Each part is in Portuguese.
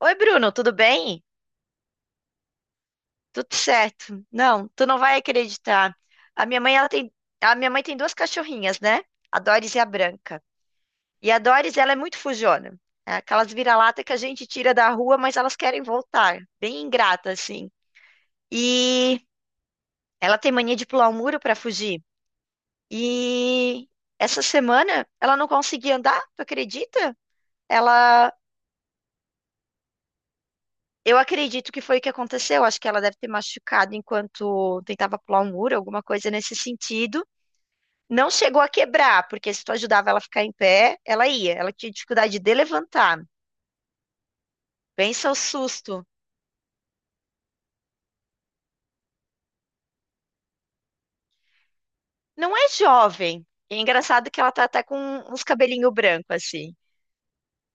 Oi, Bruno, tudo bem? Tudo certo. Não, tu não vai acreditar. A minha mãe, ela tem, a minha mãe tem duas cachorrinhas, né? A Doris e a Branca. E a Doris, ela é muito fujona. É aquelas vira-lata que a gente tira da rua, mas elas querem voltar. Bem ingrata, assim. E ela tem mania de pular o muro para fugir. E essa semana ela não conseguia andar, tu acredita? Ela Eu acredito que foi o que aconteceu. Acho que ela deve ter machucado enquanto tentava pular um muro, alguma coisa nesse sentido. Não chegou a quebrar, porque se tu ajudava ela a ficar em pé, ela ia. Ela tinha dificuldade de levantar. Pensa o susto. Não é jovem. E é engraçado que ela tá até com uns cabelinho branco, assim.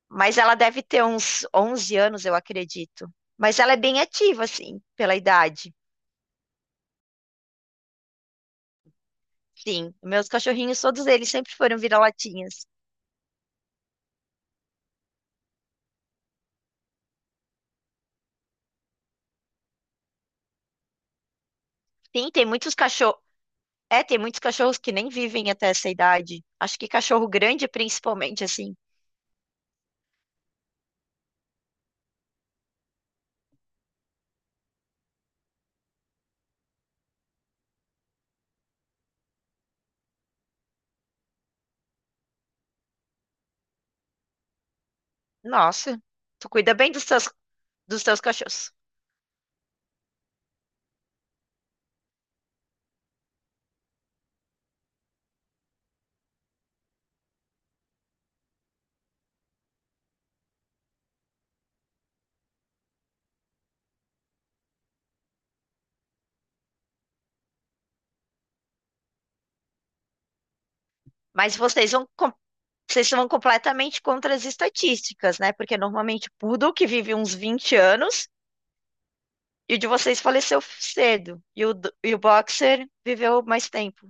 Mas ela deve ter uns 11 anos, eu acredito. Mas ela é bem ativa, assim, pela idade. Sim, meus cachorrinhos, todos eles sempre foram vira-latinhas. Sim, tem muitos cachorros. É, tem muitos cachorros que nem vivem até essa idade. Acho que cachorro grande, principalmente, assim. Nossa, tu cuida bem dos teus cachorros. Mas vocês vão, vocês vão completamente contra as estatísticas, né? Porque normalmente o poodle que vive uns 20 anos e o de vocês faleceu cedo. E e o boxer viveu mais tempo.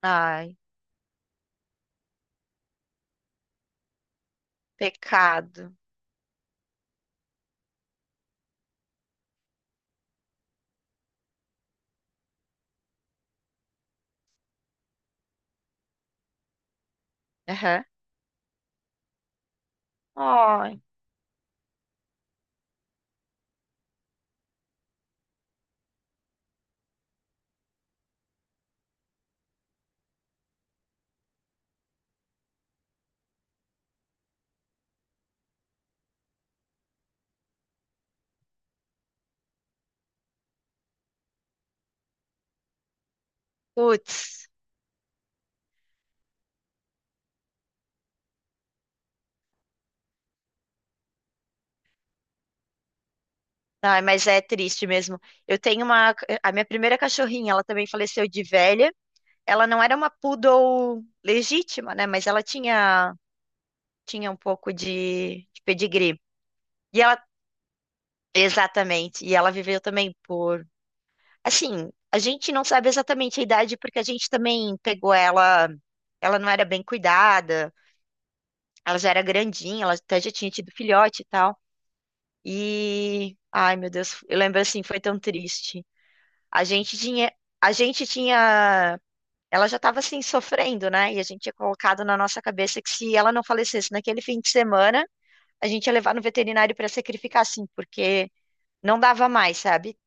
Ai, pecado. Aham. Ai, putz. Ai, mas é triste mesmo. Eu tenho uma. A minha primeira cachorrinha, ela também faleceu de velha. Ela não era uma poodle legítima, né? Tinha um pouco de pedigree. E ela. Exatamente. E ela viveu também por. Assim, a gente não sabe exatamente a idade, porque a gente também pegou ela. Ela não era bem cuidada, ela já era grandinha, ela até já tinha tido filhote e tal. E. Ai, meu Deus, eu lembro assim, foi tão triste. A gente tinha, a gente tinha, ela já estava assim sofrendo, né? E a gente tinha colocado na nossa cabeça que se ela não falecesse naquele fim de semana, a gente ia levar no veterinário para sacrificar, assim, porque não dava mais, sabe?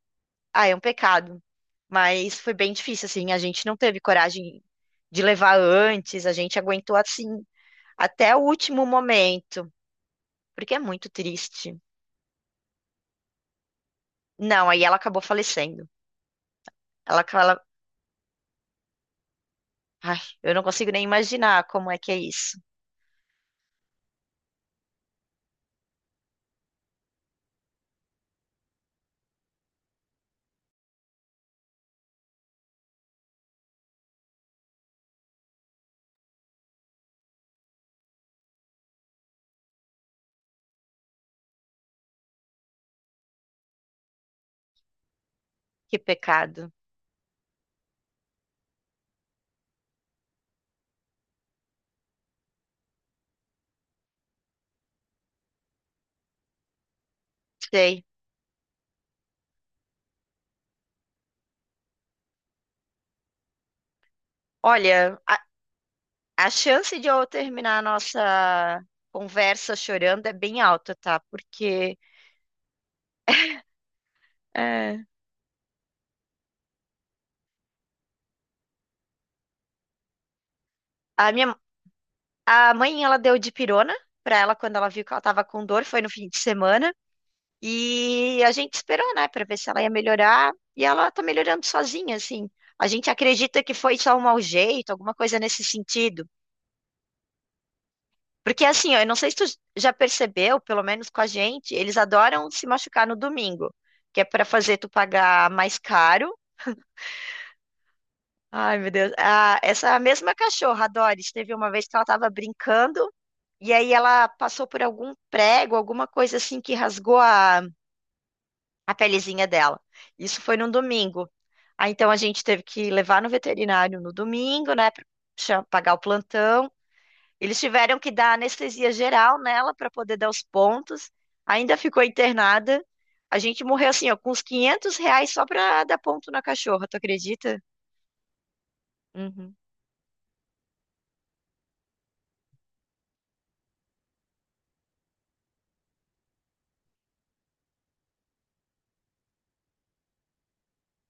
Ah, é um pecado. Mas foi bem difícil, assim. A gente não teve coragem de levar antes, a gente aguentou assim até o último momento, porque é muito triste. Não, aí ela acabou falecendo. Ela, ela, ai, eu não consigo nem imaginar como é que é isso. Que pecado. Sei. Olha, a chance de eu terminar a nossa conversa chorando é bem alta, tá? É, a minha a mãe ela deu dipirona pra ela quando ela viu que ela tava com dor, foi no fim de semana. E a gente esperou, né, pra ver se ela ia melhorar, e ela tá melhorando sozinha, assim. A gente acredita que foi só um mau jeito, alguma coisa nesse sentido. Porque assim, ó, eu não sei se tu já percebeu, pelo menos com a gente, eles adoram se machucar no domingo, que é para fazer tu pagar mais caro. Ai, meu Deus. Ah, essa mesma cachorra, a Doris, teve uma vez que ela tava brincando e aí ela passou por algum prego, alguma coisa assim que rasgou a pelezinha dela. Isso foi num domingo. Ah, então a gente teve que levar no veterinário no domingo, né, pra pagar o plantão. Eles tiveram que dar anestesia geral nela para poder dar os pontos. Ainda ficou internada. A gente morreu assim, ó, com uns 500 reais só para dar ponto na cachorra, tu acredita? Uhum.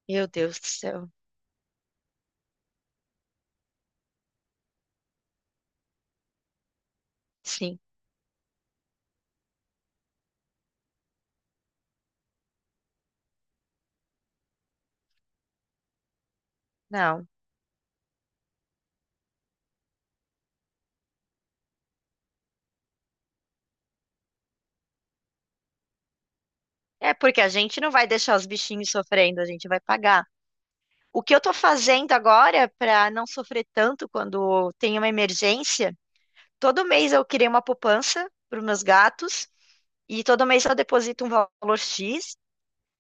Meu Deus do céu. Sim, não. É porque a gente não vai deixar os bichinhos sofrendo, a gente vai pagar. O que eu tô fazendo agora para não sofrer tanto quando tem uma emergência, todo mês eu criei uma poupança para os meus gatos e todo mês eu deposito um valor X.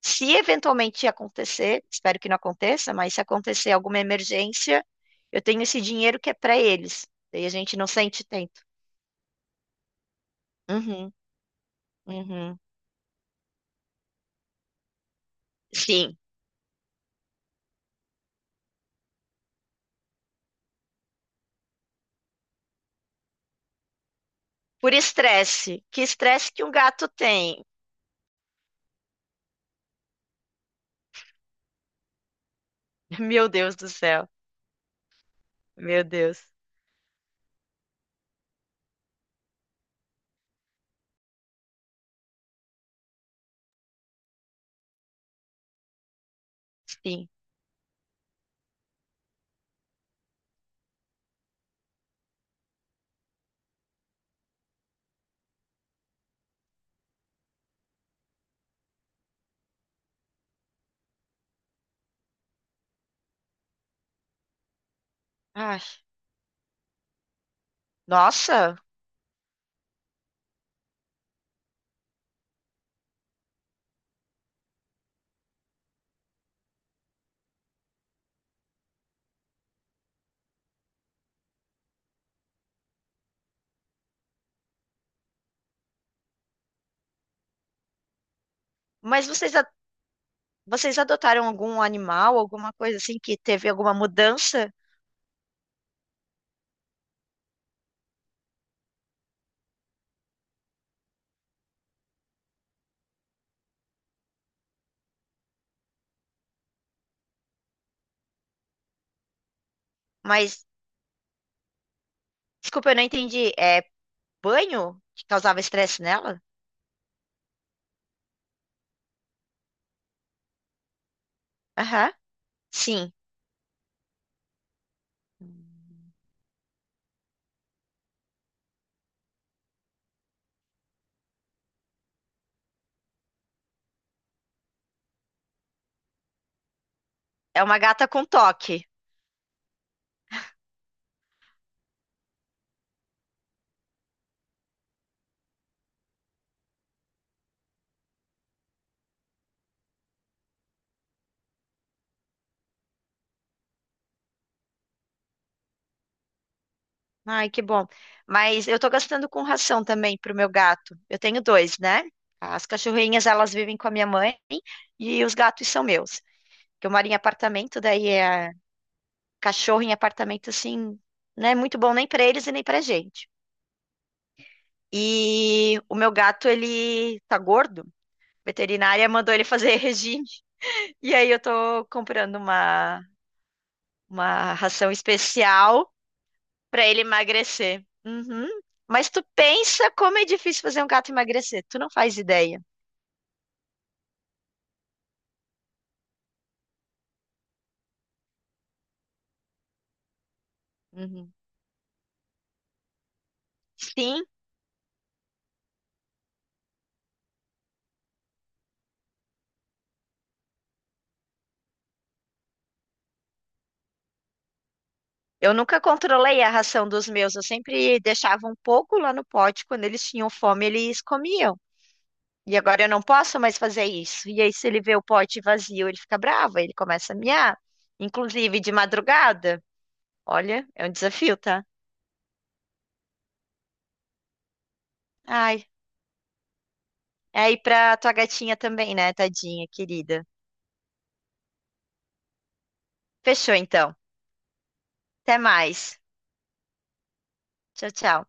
Se eventualmente acontecer, espero que não aconteça, mas se acontecer alguma emergência, eu tenho esse dinheiro que é para eles. Daí a gente não sente tanto. Uhum, uhum. Sim, por estresse. Que estresse que um gato tem? Meu Deus do céu. Meu Deus. Sim. Ai, nossa, mas vocês, vocês adotaram algum animal, alguma coisa assim que teve alguma mudança? Mas, desculpa, eu não entendi. É banho que causava estresse nela? Aham. Sim. É uma gata com toque. Ai, que bom. Mas eu tô gastando com ração também pro meu gato. Eu tenho dois, né? As cachorrinhas, elas vivem com a minha mãe e os gatos são meus. Que eu moro em apartamento, daí é cachorro em apartamento assim, não é muito bom nem pra eles e nem pra gente. E o meu gato, ele tá gordo. A veterinária mandou ele fazer regime. E aí eu tô comprando uma ração especial pra ele emagrecer. Uhum. Mas tu pensa como é difícil fazer um gato emagrecer. Tu não faz ideia. Uhum. Sim, eu nunca controlei a ração dos meus. Eu sempre deixava um pouco lá no pote. Quando eles tinham fome, eles comiam. E agora eu não posso mais fazer isso. E aí, se ele vê o pote vazio, ele fica bravo, ele começa a miar. Inclusive de madrugada. Olha, é um desafio, tá? Ai, é aí pra tua gatinha também, né, tadinha, querida? Fechou então. Até mais. Tchau, tchau.